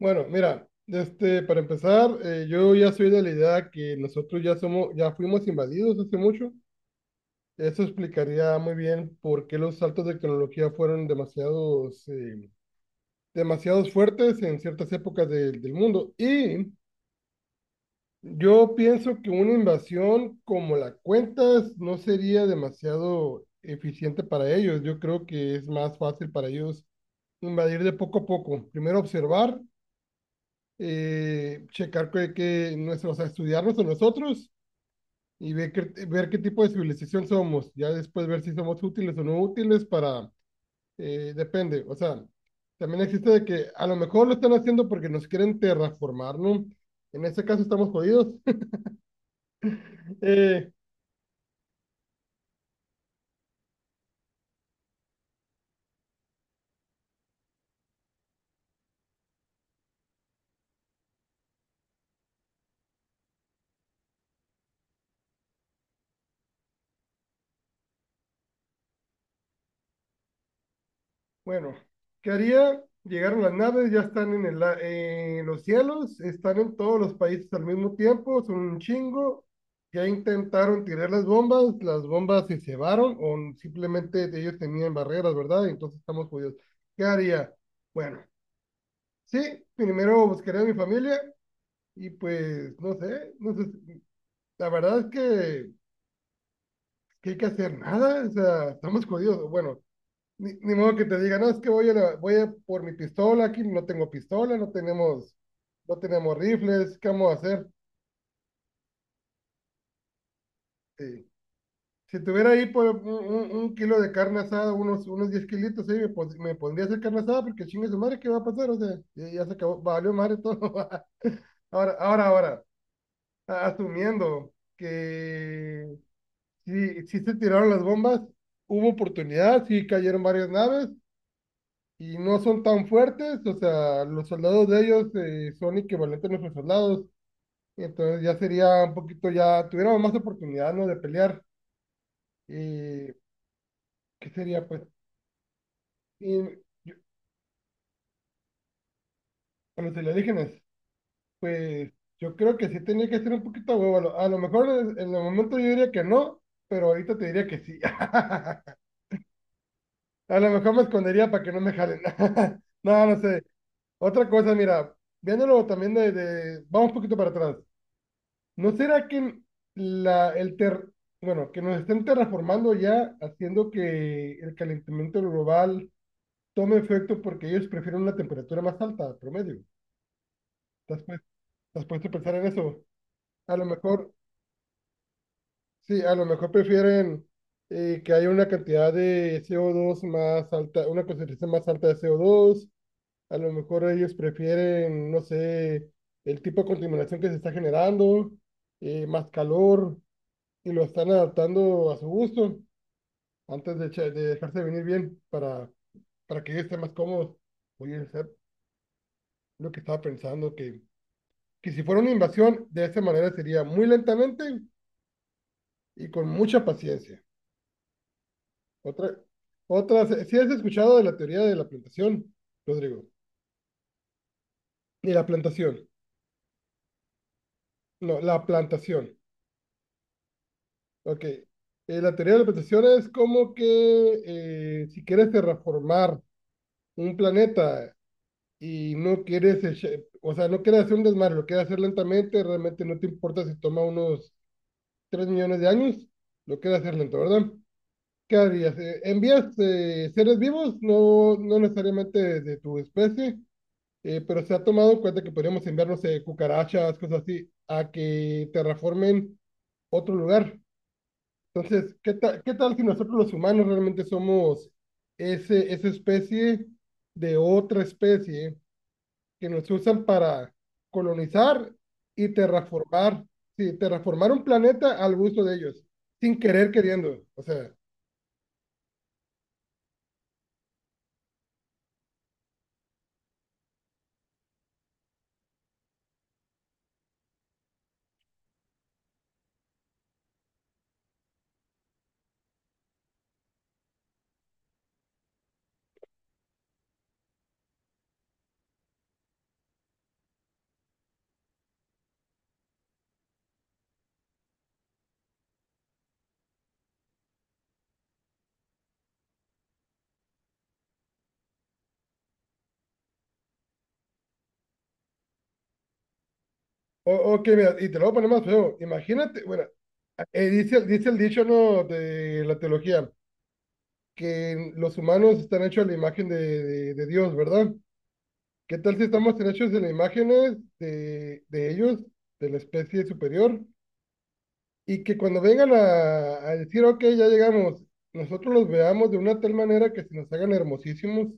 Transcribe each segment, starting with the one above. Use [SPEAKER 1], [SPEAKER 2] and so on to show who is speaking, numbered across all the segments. [SPEAKER 1] Bueno, mira, este, para empezar, yo ya soy de la idea que nosotros ya somos, ya fuimos invadidos hace mucho. Eso explicaría muy bien por qué los saltos de tecnología fueron demasiados fuertes en ciertas épocas del mundo. Y yo pienso que una invasión como la cuentas no sería demasiado eficiente para ellos. Yo creo que es más fácil para ellos invadir de poco a poco. Primero observar checar que nuestros, o sea, estudiarnos a nosotros y ver qué tipo de civilización somos. Ya después ver si somos útiles o no útiles para, depende. O sea, también existe de que a lo mejor lo están haciendo porque nos quieren terraformar, ¿no? En este caso estamos jodidos. Eh, Bueno, ¿qué haría? Llegaron las naves, ya están en en los cielos, están en todos los países al mismo tiempo, son un chingo. Ya intentaron tirar las bombas se cebaron o simplemente ellos tenían barreras, ¿verdad? Entonces estamos jodidos. ¿Qué haría? Bueno, sí, primero buscaría a mi familia y pues no sé, no sé, la verdad es que hay que hacer nada, o sea, estamos jodidos. Bueno, Ni modo que te diga, no, es que voy a por mi pistola, aquí no tengo pistola, no tenemos rifles, ¿qué vamos a hacer? Sí. Si tuviera ahí por un kilo de carne asada, unos 10 kilitos, ahí me pondría a hacer carne asada porque chingue su madre, ¿qué va a pasar? O sea, ya, ya se acabó, valió madre todo. Ahora, ahora, ahora, asumiendo que sí, sí se tiraron las bombas, hubo oportunidad, sí cayeron varias naves, y no son tan fuertes, o sea, los soldados de ellos son equivalentes a nuestros soldados, entonces ya sería un poquito, ya tuviéramos más oportunidad, ¿no? De pelear. Eh, ¿Qué sería? Pues, y yo- a los alienígenas, pues yo creo que sí tenía que ser un poquito a huevo, a lo mejor en el momento yo diría que no, pero ahorita te diría que sí. A lo mejor me escondería para que no me jalen. No, no sé. Otra cosa, mira, viéndolo también vamos un poquito para atrás. ¿No será que la, el ter, bueno, que nos estén terraformando ya, haciendo que el calentamiento global tome efecto porque ellos prefieren una temperatura más alta, promedio? ¿Estás, pues- estás puesto a pensar en eso? A lo mejor, sí, a lo mejor prefieren que haya una cantidad de CO2 más alta, una concentración más alta de CO2. A lo mejor ellos prefieren, no sé, el tipo de contaminación que se está generando, más calor. Y lo están adaptando a su gusto antes de dejarse venir bien para, que ellos estén más cómodos. Oye, es lo que estaba pensando, que si fuera una invasión, de esta manera sería muy lentamente y con mucha paciencia. Otra, otra, si has escuchado de la teoría de la plantación, Rodrigo? De la plantación, no, la plantación. Ok. La teoría de la plantación es como que si quieres terraformar un planeta y no quieres, echa- o sea, no quieres hacer un desmadre, lo quieres hacer lentamente, realmente no te importa si toma unos 3 millones de años, lo quieres hacer lento, ¿verdad? ¿Qué harías? Envías seres vivos, no, no necesariamente de tu especie, pero se ha tomado en cuenta que podríamos enviar, no sé, cucarachas, cosas así, a que terraformen otro lugar. Entonces, ¿qué tal si nosotros los humanos realmente somos ese, esa especie de otra especie? Que los usan para colonizar y terraformar, sí, terraformar un planeta al gusto de ellos, sin querer queriendo, o sea, ok, mira, y te lo voy a poner más feo, imagínate, bueno, dice el dicho, ¿no?, de la teología, que los humanos están hechos a la imagen de Dios, ¿verdad? ¿Qué tal si estamos hechos de las imágenes de ellos, de la especie superior? Y que cuando vengan a decir, ok, ya llegamos, nosotros los veamos de una tal manera que se nos hagan hermosísimos,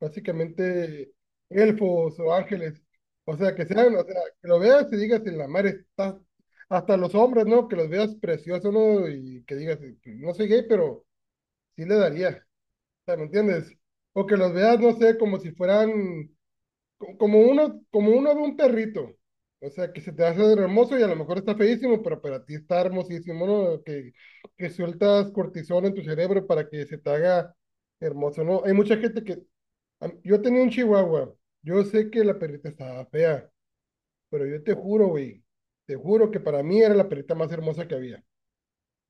[SPEAKER 1] básicamente elfos o ángeles, o sea, que sean, o sea, que lo veas y digas, en la mar está, hasta los hombres, ¿no? Que los veas preciosos, ¿no? Y que digas, no soy gay, pero sí le daría, o sea, ¿me entiendes? O que los veas, no sé, como si fueran como uno ve un perrito, o sea, que se te hace hermoso y a lo mejor está feísimo, pero para ti está hermosísimo, ¿no? Que sueltas cortisol en tu cerebro para que se te haga hermoso, ¿no? Hay mucha gente yo tenía un chihuahua, yo sé que la perrita estaba fea, pero yo te juro, güey, te juro que para mí era la perrita más hermosa que había.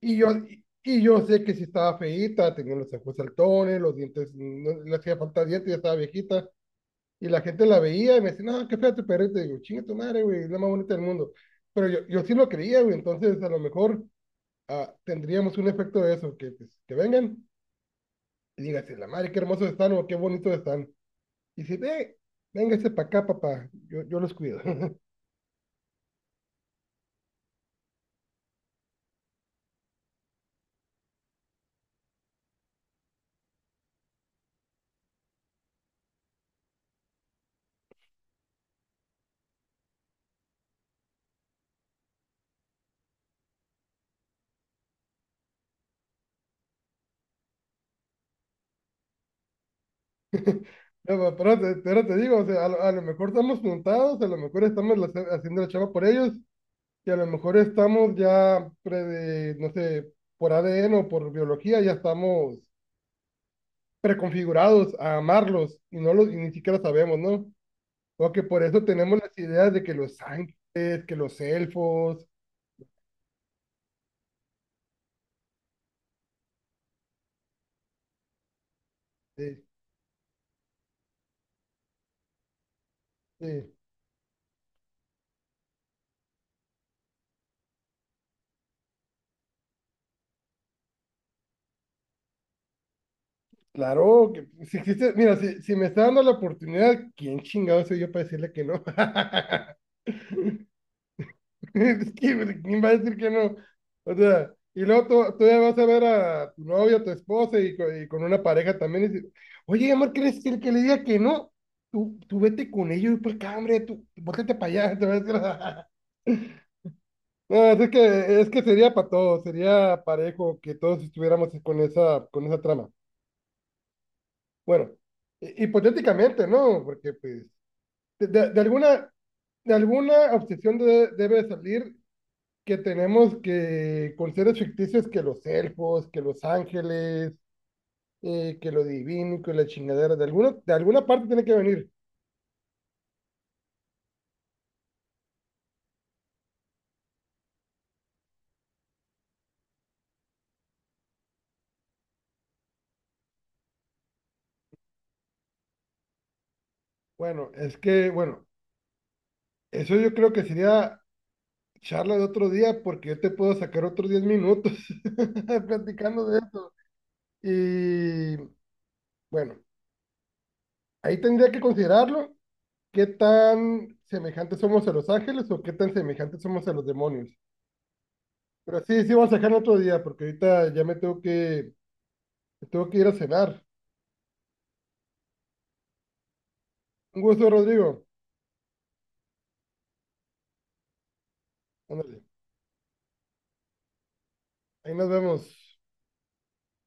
[SPEAKER 1] Y yo sé que si estaba feíta, tenía los ojos saltones, los dientes, no le hacía falta dientes, ya estaba viejita y la gente la veía y me decía, no, qué fea tu perrita. Y digo, chinga tu madre, güey, es la más bonita del mundo. Pero yo sí lo creía, güey, entonces a lo mejor ah, tendríamos un efecto de eso, que, pues, que vengan y digan, "Sí, la madre, qué hermosos están o qué bonitos están". Y si, véngase para acá, papá, yo los cuido. No, pero te digo, o sea, a lo mejor estamos montados, a lo mejor haciendo la chava por ellos, y a lo mejor estamos ya, de, no sé, por ADN o por biología, ya estamos preconfigurados a amarlos y no los y ni siquiera sabemos, ¿no? O que por eso tenemos las ideas de que los ángeles, que los elfos, eh, eh, claro, que si existe, mira, si me está dando la oportunidad, ¿quién chingado soy yo para decirle que no? Es que, pues, ¿quién va a decir que no? O sea, y luego tú ya vas a ver a tu novia, a tu esposa y con una pareja también y dices, oye, amor, ¿crees que el que le diga que no? Tú vete con ellos y por acá, hombre, tú, bótate para allá, te va a decir. No, es que sería para todos, sería parejo que todos estuviéramos con esa trama. Bueno, hipotéticamente, ¿no? Porque pues de, de- de alguna, de alguna obsesión debe salir que tenemos que, con seres ficticios, que los elfos, que los ángeles, que lo divino, que la chingadera, de alguna parte tiene que venir. Bueno, es que, bueno, eso yo creo que sería charla de otro día porque yo te puedo sacar otros 10 minutos platicando de. Y bueno, ahí tendría que considerarlo, qué tan semejantes somos a los ángeles o qué tan semejantes somos a los demonios. Pero sí, sí, vamos a dejar otro día, porque ahorita ya tengo que ir a cenar. Un gusto, Rodrigo. Ándale, ahí nos vemos.